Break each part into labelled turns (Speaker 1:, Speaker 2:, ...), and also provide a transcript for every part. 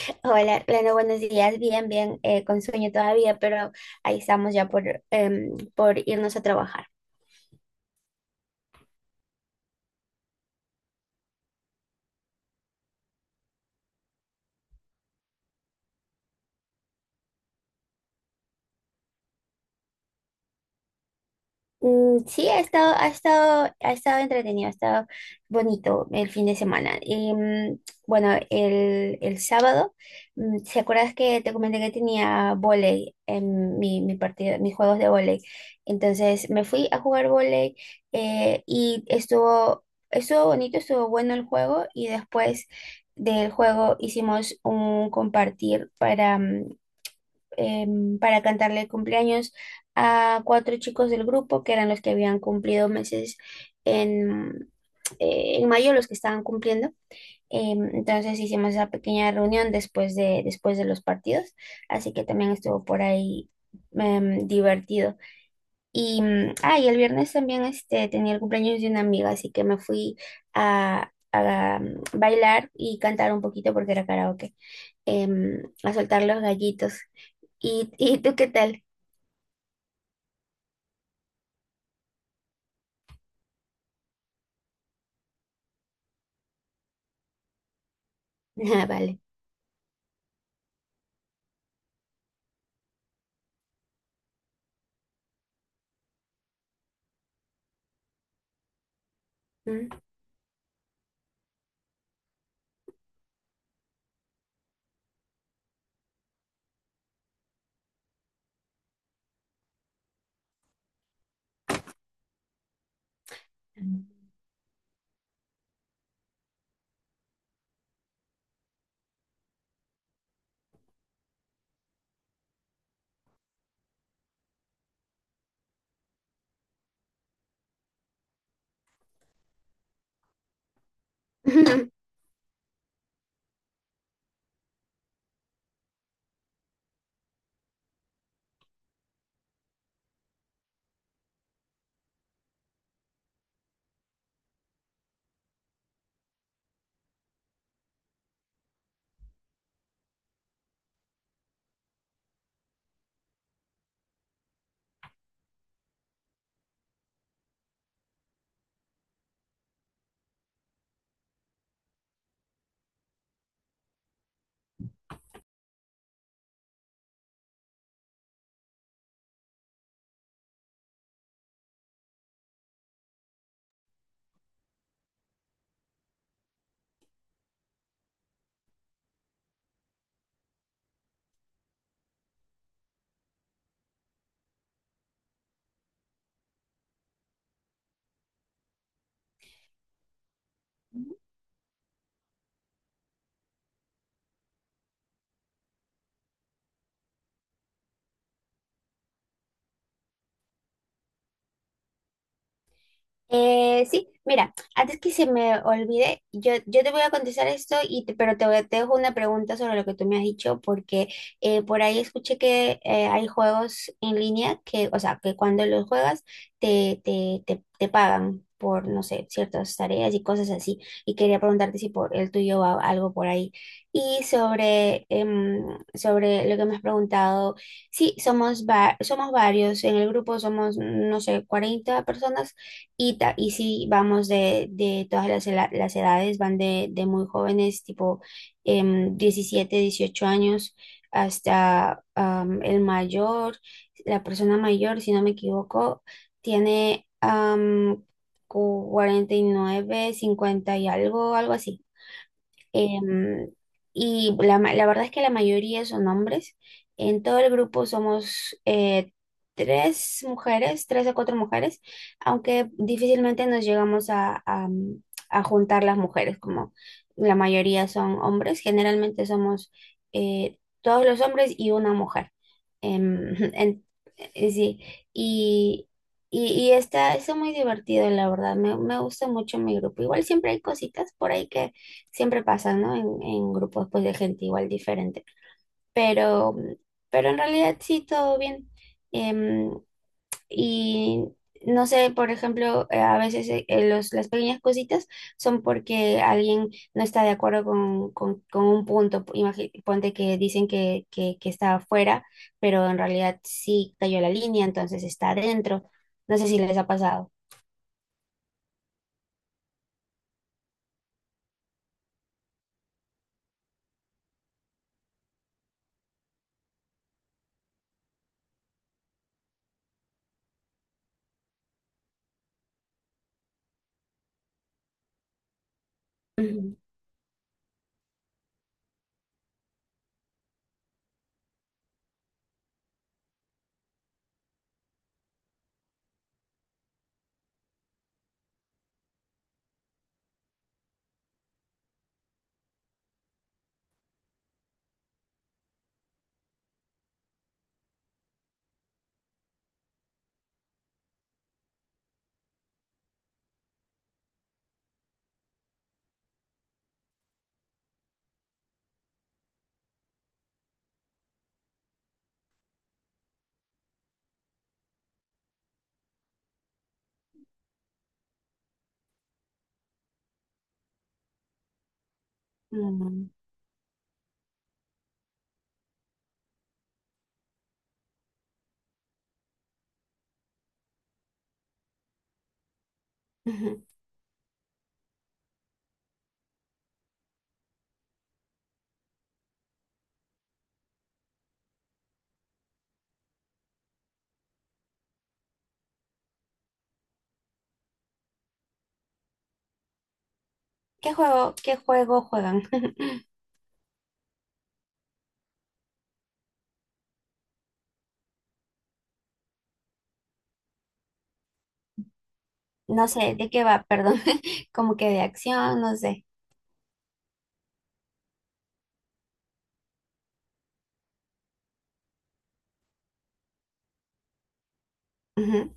Speaker 1: Hola, Leno, buenos días. Bien, bien, con sueño todavía, pero ahí estamos ya por irnos a trabajar. Sí, ha estado entretenido, ha estado bonito el fin de semana. Bueno, el sábado, ¿se acuerdas que te comenté que tenía vóley en mi partido, mis juegos de vóley? Entonces me fui a jugar vóley y estuvo bonito, estuvo bueno el juego y después del juego hicimos un compartir para cantarle el cumpleaños a cuatro chicos del grupo que eran los que habían cumplido meses en, en mayo, los que estaban cumpliendo. Entonces hicimos esa pequeña reunión después de los partidos, así que también estuvo por ahí divertido. Y el viernes también este, tenía el cumpleaños de una amiga, así que me fui a bailar y cantar un poquito porque era karaoke, a soltar los gallitos. ¿Y, y tú qué tal? Ah, vale. Mm. Sí, mira, antes que se me olvide, yo te voy a contestar esto, te dejo una pregunta sobre lo que tú me has dicho, porque por ahí escuché que hay juegos en línea que, o sea, que cuando los juegas te pagan por, no sé, ciertas tareas y cosas así, y quería preguntarte si por el tuyo va algo por ahí. Y sobre, em, Sobre lo que me has preguntado, sí, somos varios, en el grupo somos, no sé, 40 personas y, y sí, vamos de todas las edades, van de muy jóvenes, tipo 17, 18 años, hasta el mayor, la persona mayor, si no me equivoco, tiene 49 50 y algo, algo así. Em, y la verdad es que la mayoría son hombres. En todo el grupo somos tres mujeres, tres a cuatro mujeres, aunque difícilmente nos llegamos a juntar las mujeres, como la mayoría son hombres. Generalmente somos todos los hombres y una mujer. Em, en- sí, y, y está, está muy divertido, la verdad. Me gusta mucho mi grupo. Igual siempre hay cositas por ahí que siempre pasa, ¿no? En grupos pues de gente igual diferente. Pero, pero en realidad sí, todo bien. Em, y no sé, por ejemplo, a veces los, las pequeñas cositas son porque alguien no está de acuerdo con un punto. Ponte que dicen que está afuera, pero en realidad sí cayó la línea, entonces está adentro. No sé si les ha pasado. Ujú. Mm, ujú. Qué juego juegan? No sé de qué va, perdón, como que de acción, no sé. Ujú,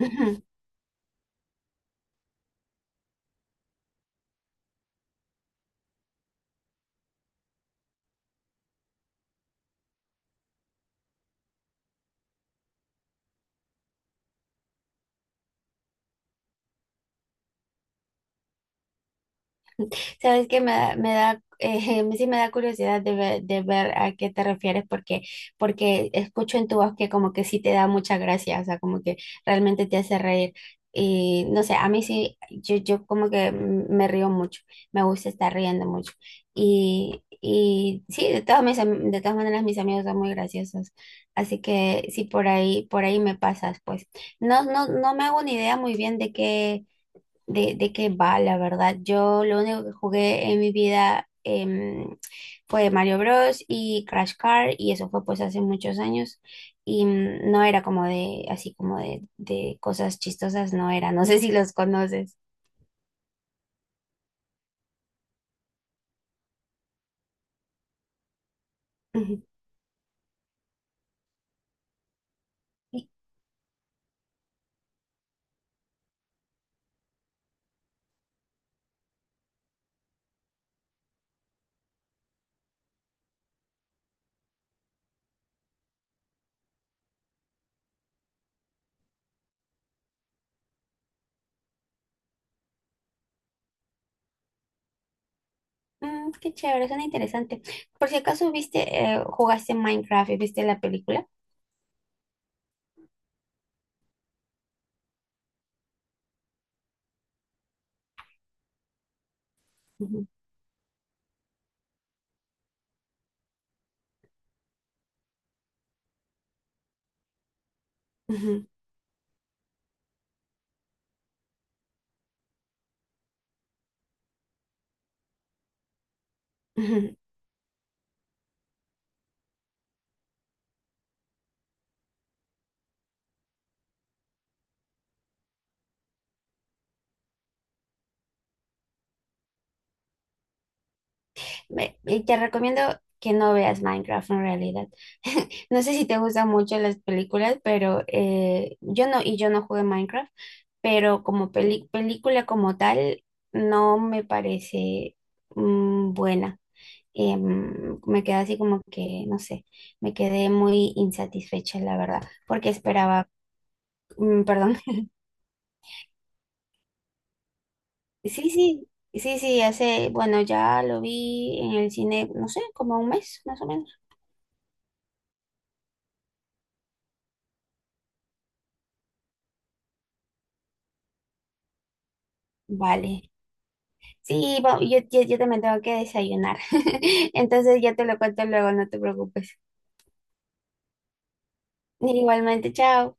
Speaker 1: ujú. Sabes que me da, sí me da curiosidad de ver a qué te refieres, porque, porque escucho en tu voz que como que sí te da mucha gracia, o sea, como que realmente te hace reír. Y no sé, a mí sí, yo como que me río mucho, me gusta estar riendo mucho. Y sí, de todas maneras mis amigos son muy graciosos, así que sí, por ahí me pasas, pues. No me hago ni idea muy bien de qué va, la verdad. Yo lo único que jugué en mi vida fue Mario Bros. Y Crash Car, y eso fue pues hace muchos años, y no era como de, así como de cosas chistosas, no era, no sé si los conoces. Ujú. Y, Qué chévere, suena interesante. Por si acaso viste, jugaste Minecraft y viste la película. Ujú, ujú, ujú. Y te recomiendo que no veas Minecraft en realidad. No sé si te gustan mucho las películas, pero yo no, y yo no jugué Minecraft, pero como película como tal, no me parece buena. Me quedé así como que, no sé, me quedé muy insatisfecha, la verdad, porque esperaba, perdón, sí, sí, sí, sí, hace, bueno, ya lo vi en el cine, no sé, como un mes más o menos. Vale. Sí, yo, yo también tengo que desayunar. Entonces ya te lo cuento luego, no te preocupes. Igualmente, chao.